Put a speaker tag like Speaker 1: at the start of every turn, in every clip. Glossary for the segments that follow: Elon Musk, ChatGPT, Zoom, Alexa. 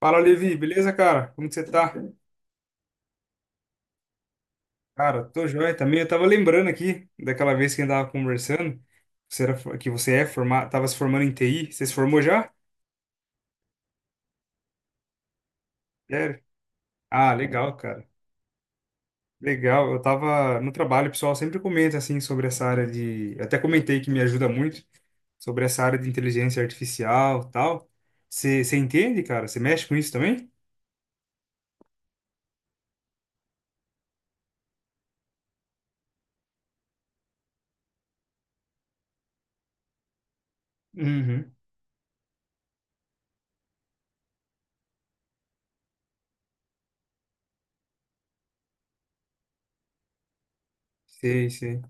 Speaker 1: Fala, Levi, beleza, cara? Como que você tá? Cara, tô joia também. Eu tava lembrando aqui daquela vez que a gente tava conversando, que você é formado, tava se formando em TI. Você se formou já? Sério? Ah, legal, cara. Legal. Eu tava no trabalho, o pessoal sempre comenta assim sobre essa área de, eu até comentei que me ajuda muito sobre essa área de inteligência artificial, e tal. Você entende, cara? Você mexe com isso também? Uhum. Sei, sei.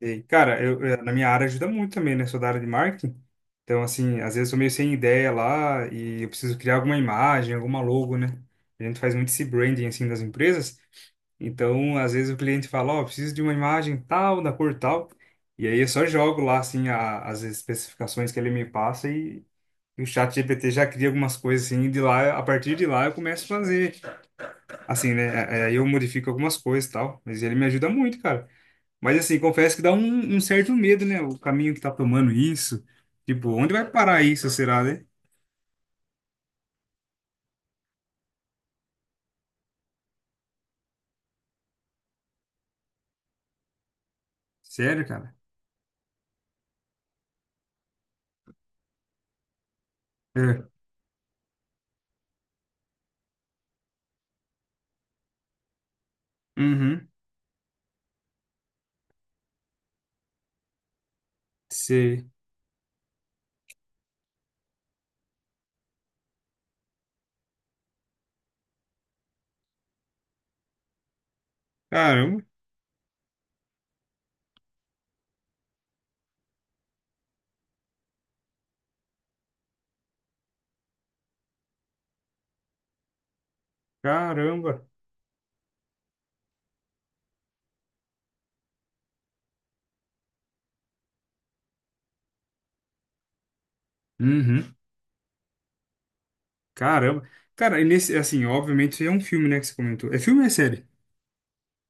Speaker 1: E, cara, eu, na minha área ajuda muito também, né? Sou da área de marketing. Então, assim, às vezes eu tô meio sem ideia lá e eu preciso criar alguma imagem, alguma logo, né? A gente faz muito esse branding, assim, das empresas. Então, às vezes o cliente fala, ó, preciso de uma imagem tal, da cor tal. E aí eu só jogo lá, assim, as especificações que ele me passa e o chat GPT já cria algumas coisas, assim, e de lá, a partir de lá eu começo a fazer, assim, né? É, é, aí eu modifico algumas coisas e tal. Mas ele me ajuda muito, cara. Mas assim, confesso que dá um certo medo, né? O caminho que tá tomando isso. Tipo, onde vai parar isso, será, né? Sério, cara? É. Uhum. Sei. Caramba, caramba. Uhum. Caramba. Cara, e nesse, assim, obviamente isso aí é um filme, né, que você comentou. É filme ou é série?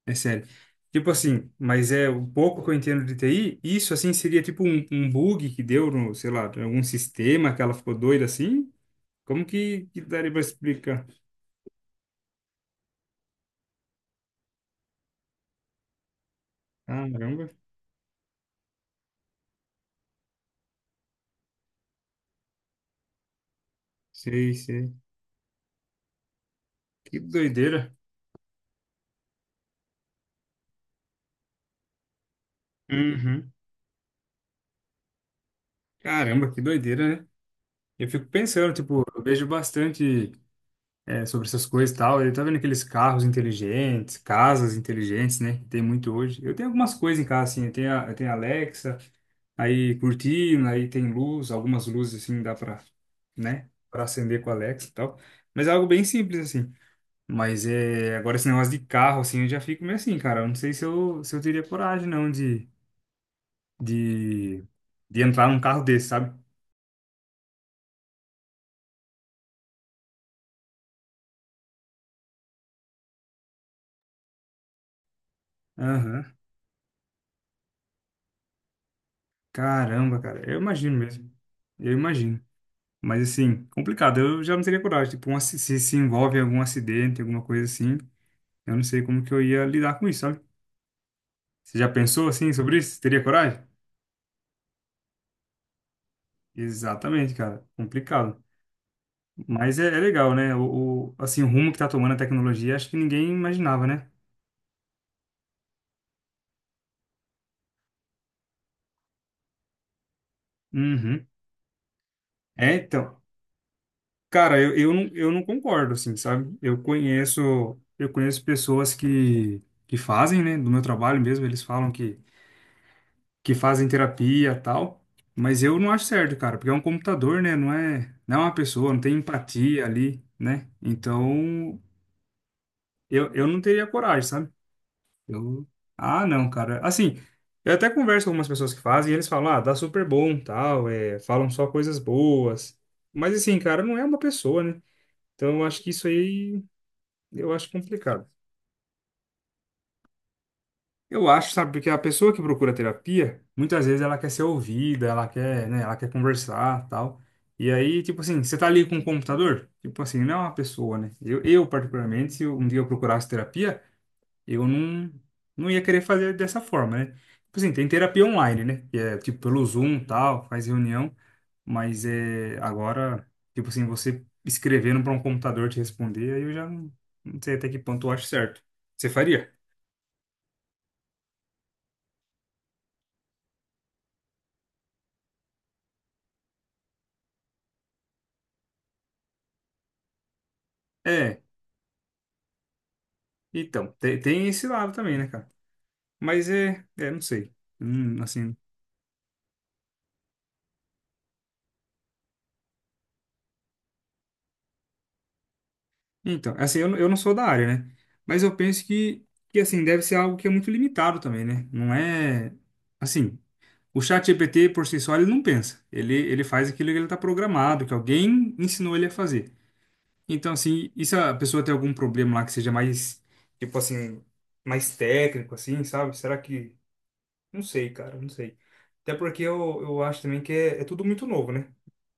Speaker 1: É série. Tipo assim, mas é o pouco que eu entendo de TI, isso assim seria tipo um bug que deu no, sei lá, em algum sistema que ela ficou doida assim? Como que daria pra explicar? Caramba, sei, sei. Que doideira. Uhum. Caramba, que doideira, né? Eu fico pensando, tipo, eu vejo bastante sobre essas coisas e tal. Eu tava vendo aqueles carros inteligentes, casas inteligentes, né? Que tem muito hoje. Eu tenho algumas coisas em casa, assim. Eu tenho a Alexa, aí cortina, aí tem luz, algumas luzes, assim, dá pra, né? Pra acender com a Alexa e tal. Mas é algo bem simples, assim. Mas é, agora esse negócio de carro, assim, eu já fico meio assim, cara. Eu não sei se eu teria coragem, não, de, de entrar num carro desse, sabe? Aham. Caramba, cara, eu imagino mesmo. Eu imagino. Mas assim, complicado. Eu já não teria coragem. Tipo, se envolve em algum acidente, alguma coisa assim, eu não sei como que eu ia lidar com isso, sabe? Você já pensou assim sobre isso? Você teria coragem? Exatamente, cara. Complicado. Mas é legal, né? Assim, o rumo que tá tomando a tecnologia, acho que ninguém imaginava, né? Uhum. É, então. Cara, não, eu não concordo, assim, sabe? Eu conheço pessoas que fazem, né? Do meu trabalho mesmo, eles falam que fazem terapia e tal, mas eu não acho certo, cara, porque é um computador, né? Não é uma pessoa, não tem empatia ali, né? Então, eu não teria coragem, sabe? Eu, não, cara. Assim, eu até converso com algumas pessoas que fazem e eles falam, ah, dá super bom, tal, falam só coisas boas. Mas assim, cara, não é uma pessoa, né? Então, eu acho que isso aí, eu acho complicado. Eu acho, sabe, porque a pessoa que procura terapia, muitas vezes ela quer ser ouvida, ela quer, né, ela quer conversar, tal. E aí, tipo assim, você tá ali com o computador, tipo assim, não é uma pessoa, né? Eu particularmente, se um dia eu procurasse terapia, eu não ia querer fazer dessa forma, né? Tipo assim, tem terapia online, né? Que é tipo pelo Zoom, tal, faz reunião, mas é agora, tipo assim, você escrevendo para um computador te responder, aí eu já não sei até que ponto eu acho certo. Você faria? É, então, tem, esse lado também, né, cara? Mas é, é, não sei. Assim, então, assim, eu não sou da área, né? Mas eu penso que, assim, deve ser algo que é muito limitado também, né? Não é, assim, o chat GPT por si só, ele não pensa. Ele faz aquilo que ele tá programado, que alguém ensinou ele a fazer. Então, assim, e se a pessoa tem algum problema lá que seja mais, tipo assim, mais técnico, assim, sabe? Será que... Não sei, cara, não sei. Até porque eu acho também que é tudo muito novo, né?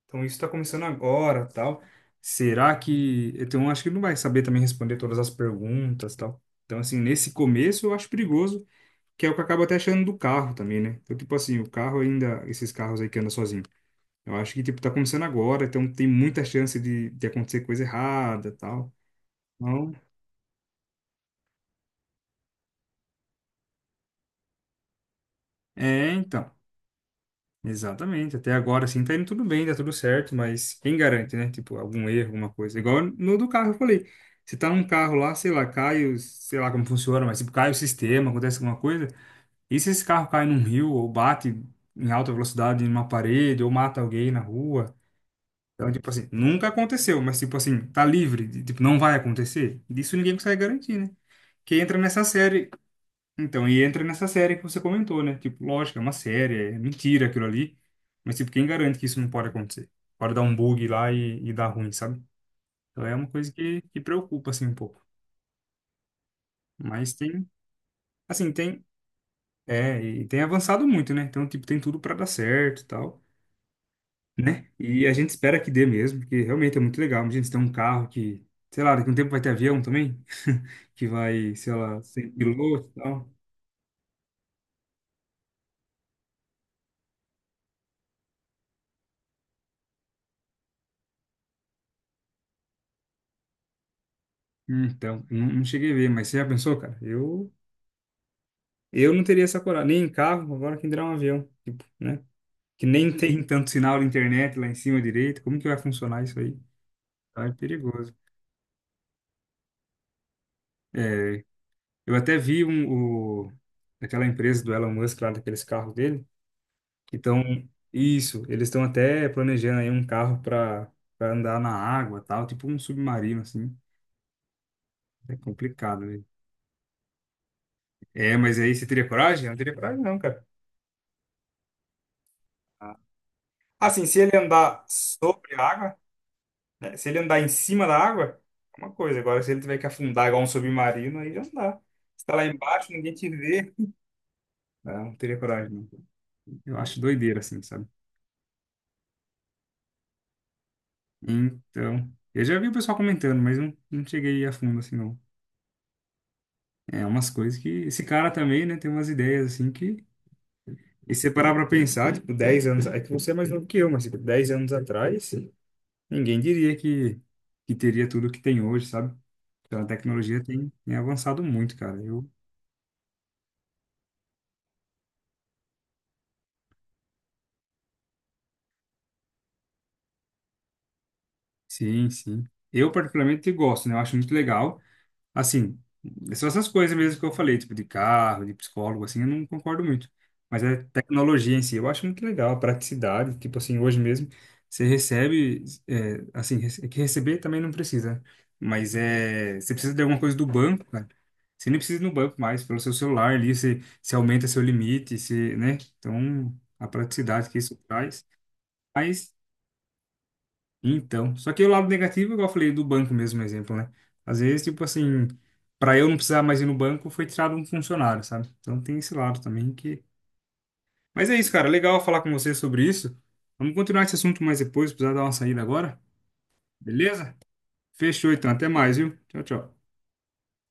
Speaker 1: Então isso está começando agora, tal. Será que eu tenho, acho que ele não vai saber também responder todas as perguntas, tal. Então assim, nesse começo eu acho perigoso, que é o que eu acabo até achando do carro também, né? Então tipo assim, o carro ainda, esses carros aí que andam sozinho. Eu acho que tipo tá começando agora, então tem muita chance de acontecer coisa errada, tal. Então, é, então. Exatamente. Até agora, assim, tá indo tudo bem, tá tudo certo, mas quem garante, né? Tipo, algum erro, alguma coisa. Igual no do carro, eu falei. Se tá num carro lá, sei lá, cai, sei lá como funciona, mas tipo, cai o sistema, acontece alguma coisa. E se esse carro cai num rio ou bate em alta velocidade em uma parede ou mata alguém na rua? Então, tipo assim, nunca aconteceu, mas tipo assim, tá livre, tipo, não vai acontecer. Disso ninguém consegue garantir, né? Que entra nessa série então, e entra nessa série que você comentou, né? Tipo, lógico, é uma série, é mentira aquilo ali. Mas, tipo, quem garante que isso não pode acontecer? Pode dar um bug lá e dar ruim, sabe? Então é uma coisa que preocupa, assim, um pouco. Mas tem, assim, tem, e tem avançado muito, né? Então, tipo, tem tudo pra dar certo e tal, né? E a gente espera que dê mesmo, porque realmente é muito legal. Imagina, você tem um carro que, sei lá, daqui a um tempo vai ter avião também, que vai, sei lá, sem piloto e tal. Então, não, não cheguei a ver, mas você já pensou, cara? Eu. Eu não teria essa coragem, nem em carro, agora quem dirá um avião, tipo, né? Que nem tem tanto sinal de internet lá em cima direito, como que vai funcionar isso aí? Então é perigoso. É, eu até vi aquela empresa do Elon Musk lá, daqueles carros dele, que estão, isso, eles estão até planejando aí um carro para andar na água tal, tipo um submarino, assim. É complicado, né? É, mas aí você teria coragem? Eu não teria coragem, não, cara. Ah, assim, se ele andar sobre a água, né? Se ele andar em cima da água, é uma coisa. Agora, se ele tiver que afundar igual um submarino, aí já não dá. Se tá lá embaixo, ninguém te vê. Não, não teria coragem, não. Eu acho doideira, assim, sabe? Então, eu já vi o pessoal comentando, mas não, não cheguei a fundo, assim, não. É umas coisas que... Esse cara também, né, tem umas ideias, assim, que... E se você parar pra pensar, tipo, 10 anos... É que você é mais novo que eu, mas, tipo, 10 anos atrás, ninguém diria que teria tudo que tem hoje, sabe? Então, a tecnologia tem avançado muito, cara. Eu Sim, sim. Eu particularmente gosto, né? Eu acho muito legal. Assim, são essas coisas mesmo que eu falei, tipo de carro, de psicólogo, assim, eu não concordo muito. Mas é tecnologia em si, eu acho muito legal, a praticidade, tipo assim, hoje mesmo você recebe, é, assim, é que receber também não precisa, né? Mas é, você precisa de alguma coisa do banco, cara. Você nem precisa ir no banco mais, pelo seu celular ali, você aumenta seu limite, você, né? Então, a praticidade que isso traz. Mas então, só que o lado negativo, igual eu falei do banco mesmo, um exemplo, né? Às vezes, tipo assim, para eu não precisar mais ir no banco, foi tirado um funcionário, sabe? Então tem esse lado também que. Mas é isso, cara. Legal falar com você sobre isso. Vamos continuar esse assunto mais depois, precisar dar uma saída agora, beleza? Fechou, então. Até mais, viu? Tchau, tchau.